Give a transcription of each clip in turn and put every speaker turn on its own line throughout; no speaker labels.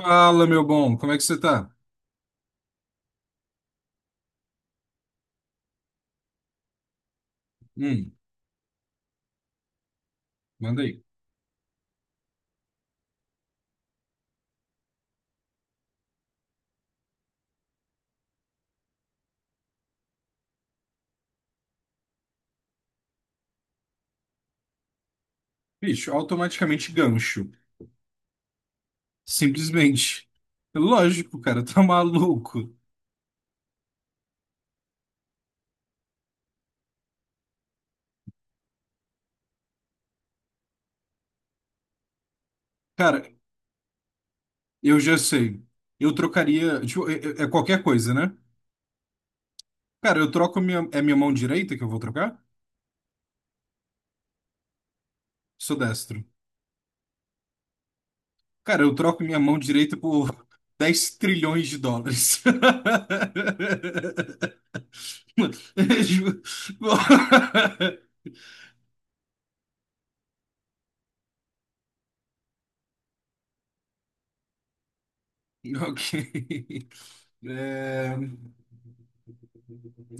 Fala, meu bom, como é que você tá? Hum, manda aí. Bicho, automaticamente gancho. Simplesmente. Lógico, cara, tá maluco. Cara, eu já sei. Eu trocaria. Tipo, é, é qualquer coisa, né? Cara, eu troco minha. É minha mão direita que eu vou trocar? Sou destro. Cara, eu troco minha mão direita por 10 trilhões de dólares. Ok. É...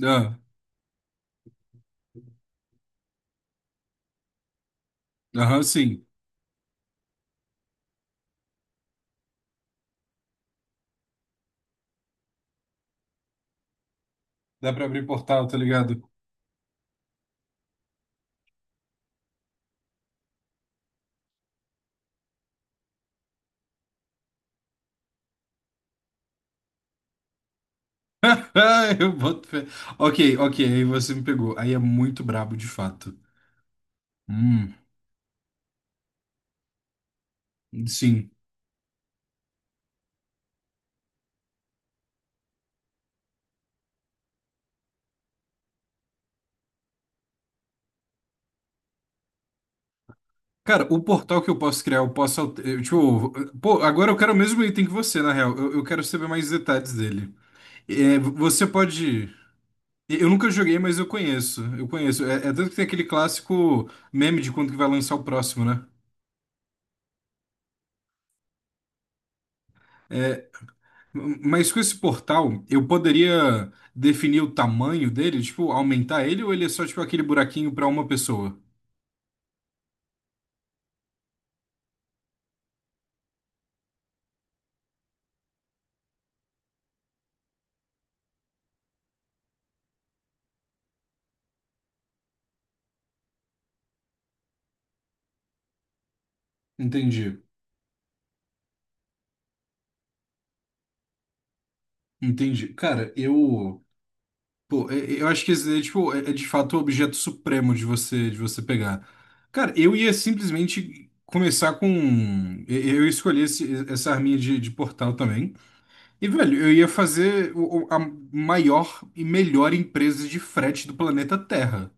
Ah, aham, sim. Dá pra abrir portal, tá ligado? Eu boto fé. Ok, ok, aí você me pegou. Aí é muito brabo, de fato. Hum, sim. Cara, o portal que eu posso criar, eu posso. Eu, tipo, pô, agora eu quero o mesmo item que você, na real. Eu quero saber mais detalhes dele. É, você pode. Eu nunca joguei, mas eu conheço. Eu conheço. É, é tanto que tem aquele clássico meme de quando que vai lançar o próximo, né? É, mas com esse portal, eu poderia definir o tamanho dele, tipo, aumentar ele ou ele é só tipo aquele buraquinho para uma pessoa? Entendi, entendi. Cara, eu, pô, é, eu acho que esse daí, tipo, é, é de fato o objeto supremo de você pegar. Cara, eu ia simplesmente começar com, eu escolhi essa arminha de portal também. E, velho, eu ia fazer a maior e melhor empresa de frete do planeta Terra.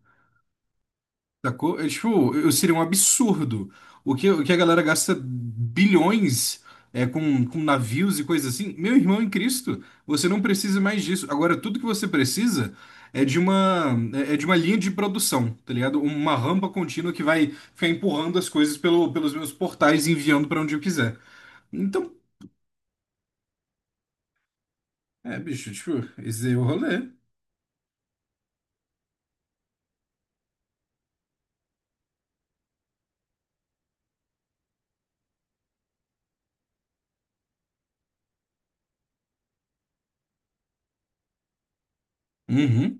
Sacou? É, tipo, eu seria um absurdo. O que a galera gasta bilhões é, com navios e coisas assim. Meu irmão em Cristo, você não precisa mais disso. Agora, tudo que você precisa é de uma, é é de uma linha de produção, tá ligado? Uma rampa contínua que vai ficar empurrando as coisas pelos meus portais e enviando pra onde eu quiser. Então, é, bicho, tipo, esse é o rolê. Uhum.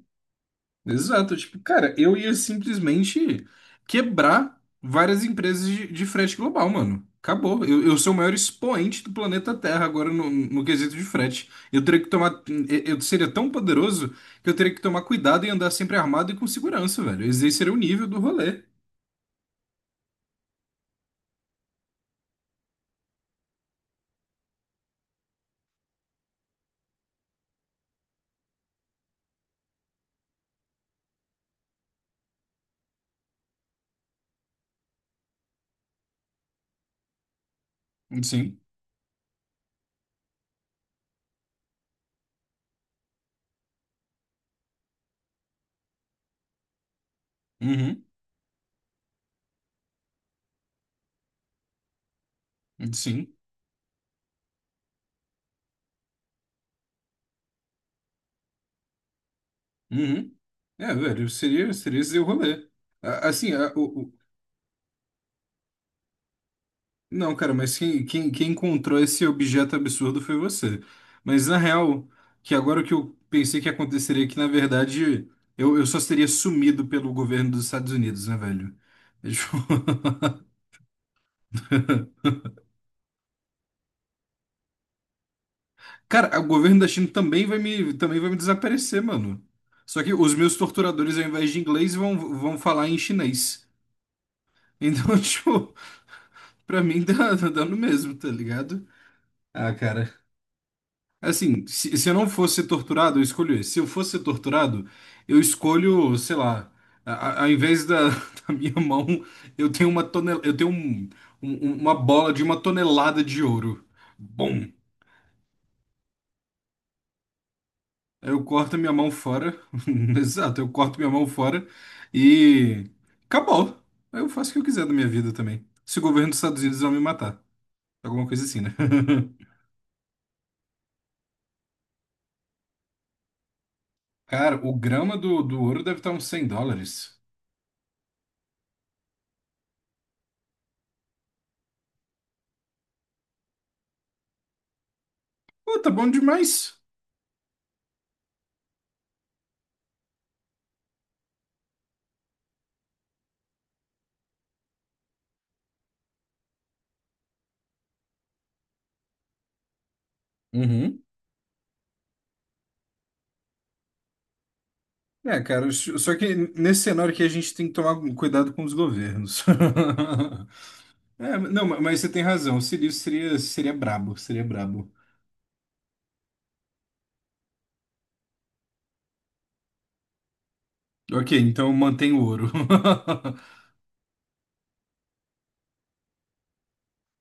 Exato, tipo, cara, eu ia simplesmente quebrar várias empresas de frete global, mano. Acabou. Eu sou o maior expoente do planeta Terra agora no quesito de frete. Eu teria que tomar. Eu seria tão poderoso que eu teria que tomar cuidado e andar sempre armado e com segurança, velho. Esse aí seria o nível do rolê. Sim. Uhum. Sim. Uhum. É, velho, seria, seria esse o rolê. A- Assim, a- o, não, cara, mas quem encontrou esse objeto absurdo foi você. Mas na real, que agora o que eu pensei que aconteceria é que, na verdade, eu só seria sumido pelo governo dos Estados Unidos, né, velho? É tipo, cara, o governo da China também também vai me desaparecer, mano. Só que os meus torturadores, ao invés de inglês, vão falar em chinês. Então, tipo, pra mim dá no mesmo, tá ligado? Ah, cara. Assim, se eu não fosse ser torturado, eu escolho esse. Se eu fosse ser torturado, eu escolho, sei lá, a, ao invés da, da minha mão, eu tenho uma eu tenho uma bola de uma tonelada de ouro. Bom, eu corto minha mão fora. Exato, eu corto minha mão fora e acabou. Eu faço o que eu quiser da minha vida também. Se o governo dos Estados Unidos não me matar. Alguma coisa assim, né? Cara, o grama do, do ouro deve estar uns 100 dólares. Pô, tá bom demais. Uhum. É, cara, só que nesse cenário que a gente tem que tomar um cuidado com os governos. É, não, mas você tem razão. O Sirius seria, seria brabo, seria brabo. Ok, então mantém o ouro.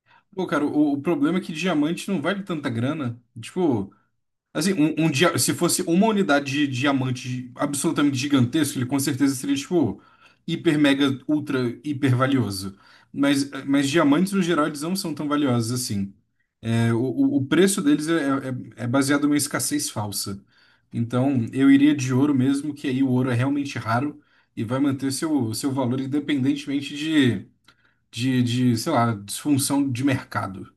Pô, cara, o, problema é que diamante não vale tanta grana. Tipo, assim, um dia, se fosse uma unidade de diamante absolutamente gigantesco, ele com certeza seria, tipo, hiper, mega, ultra, hiper valioso. Mas diamantes, no geral, eles não são tão valiosos assim. É, o, o preço deles é, é baseado numa escassez falsa. Então, eu iria de ouro mesmo, que aí o ouro é realmente raro e vai manter seu, seu valor independentemente de, sei lá, disfunção de mercado.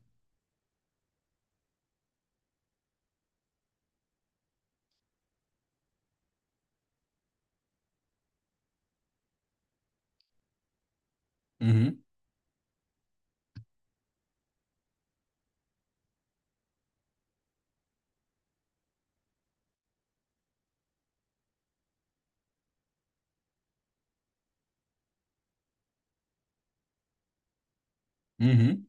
Uhum, uhum.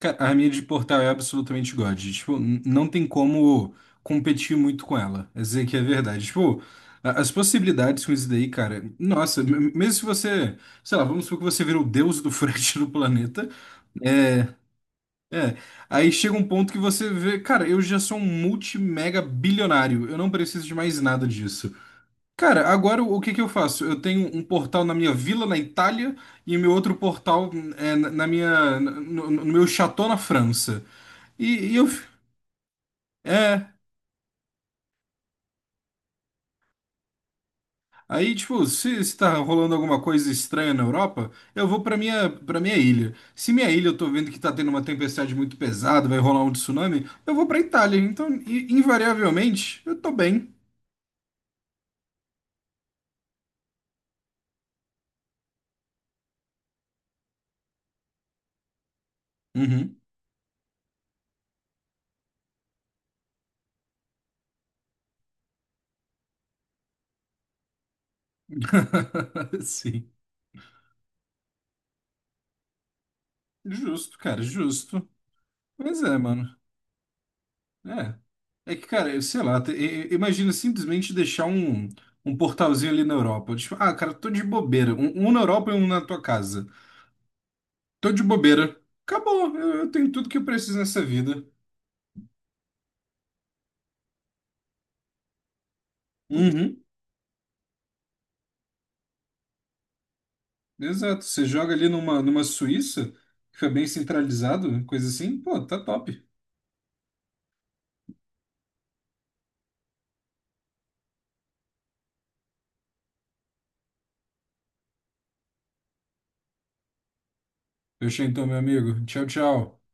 A minha de portal é absolutamente God. Tipo, não tem como competir muito com ela. É dizer que é verdade. Tipo, as possibilidades com isso daí, cara, nossa, mesmo se você, sei lá, vamos supor que você vira o deus do frete do planeta. É, é, aí chega um ponto que você vê, cara, eu já sou um multimega bilionário, eu não preciso de mais nada disso. Cara, agora o que que eu faço? Eu tenho um portal na minha vila, na Itália, e meu outro portal é na minha, no meu chateau na França. E eu, é, aí tipo, se tá rolando alguma coisa estranha na Europa, eu vou pra minha ilha. Se minha ilha eu tô vendo que tá tendo uma tempestade muito pesada, vai rolar um tsunami, eu vou pra Itália. Então, invariavelmente, eu tô bem. Uhum. Sim. Justo, cara, justo. Pois é, mano. É. É que, cara, eu sei lá, imagina simplesmente deixar um, um portalzinho ali na Europa. Tipo, ah, cara, tô de bobeira. Um na Europa e um na tua casa. Tô de bobeira. Acabou, eu tenho tudo que eu preciso nessa vida. Uhum. Exato. Você joga ali numa Suíça, fica bem centralizado, coisa assim. Pô, tá top. Fechou então, meu amigo. Tchau, tchau.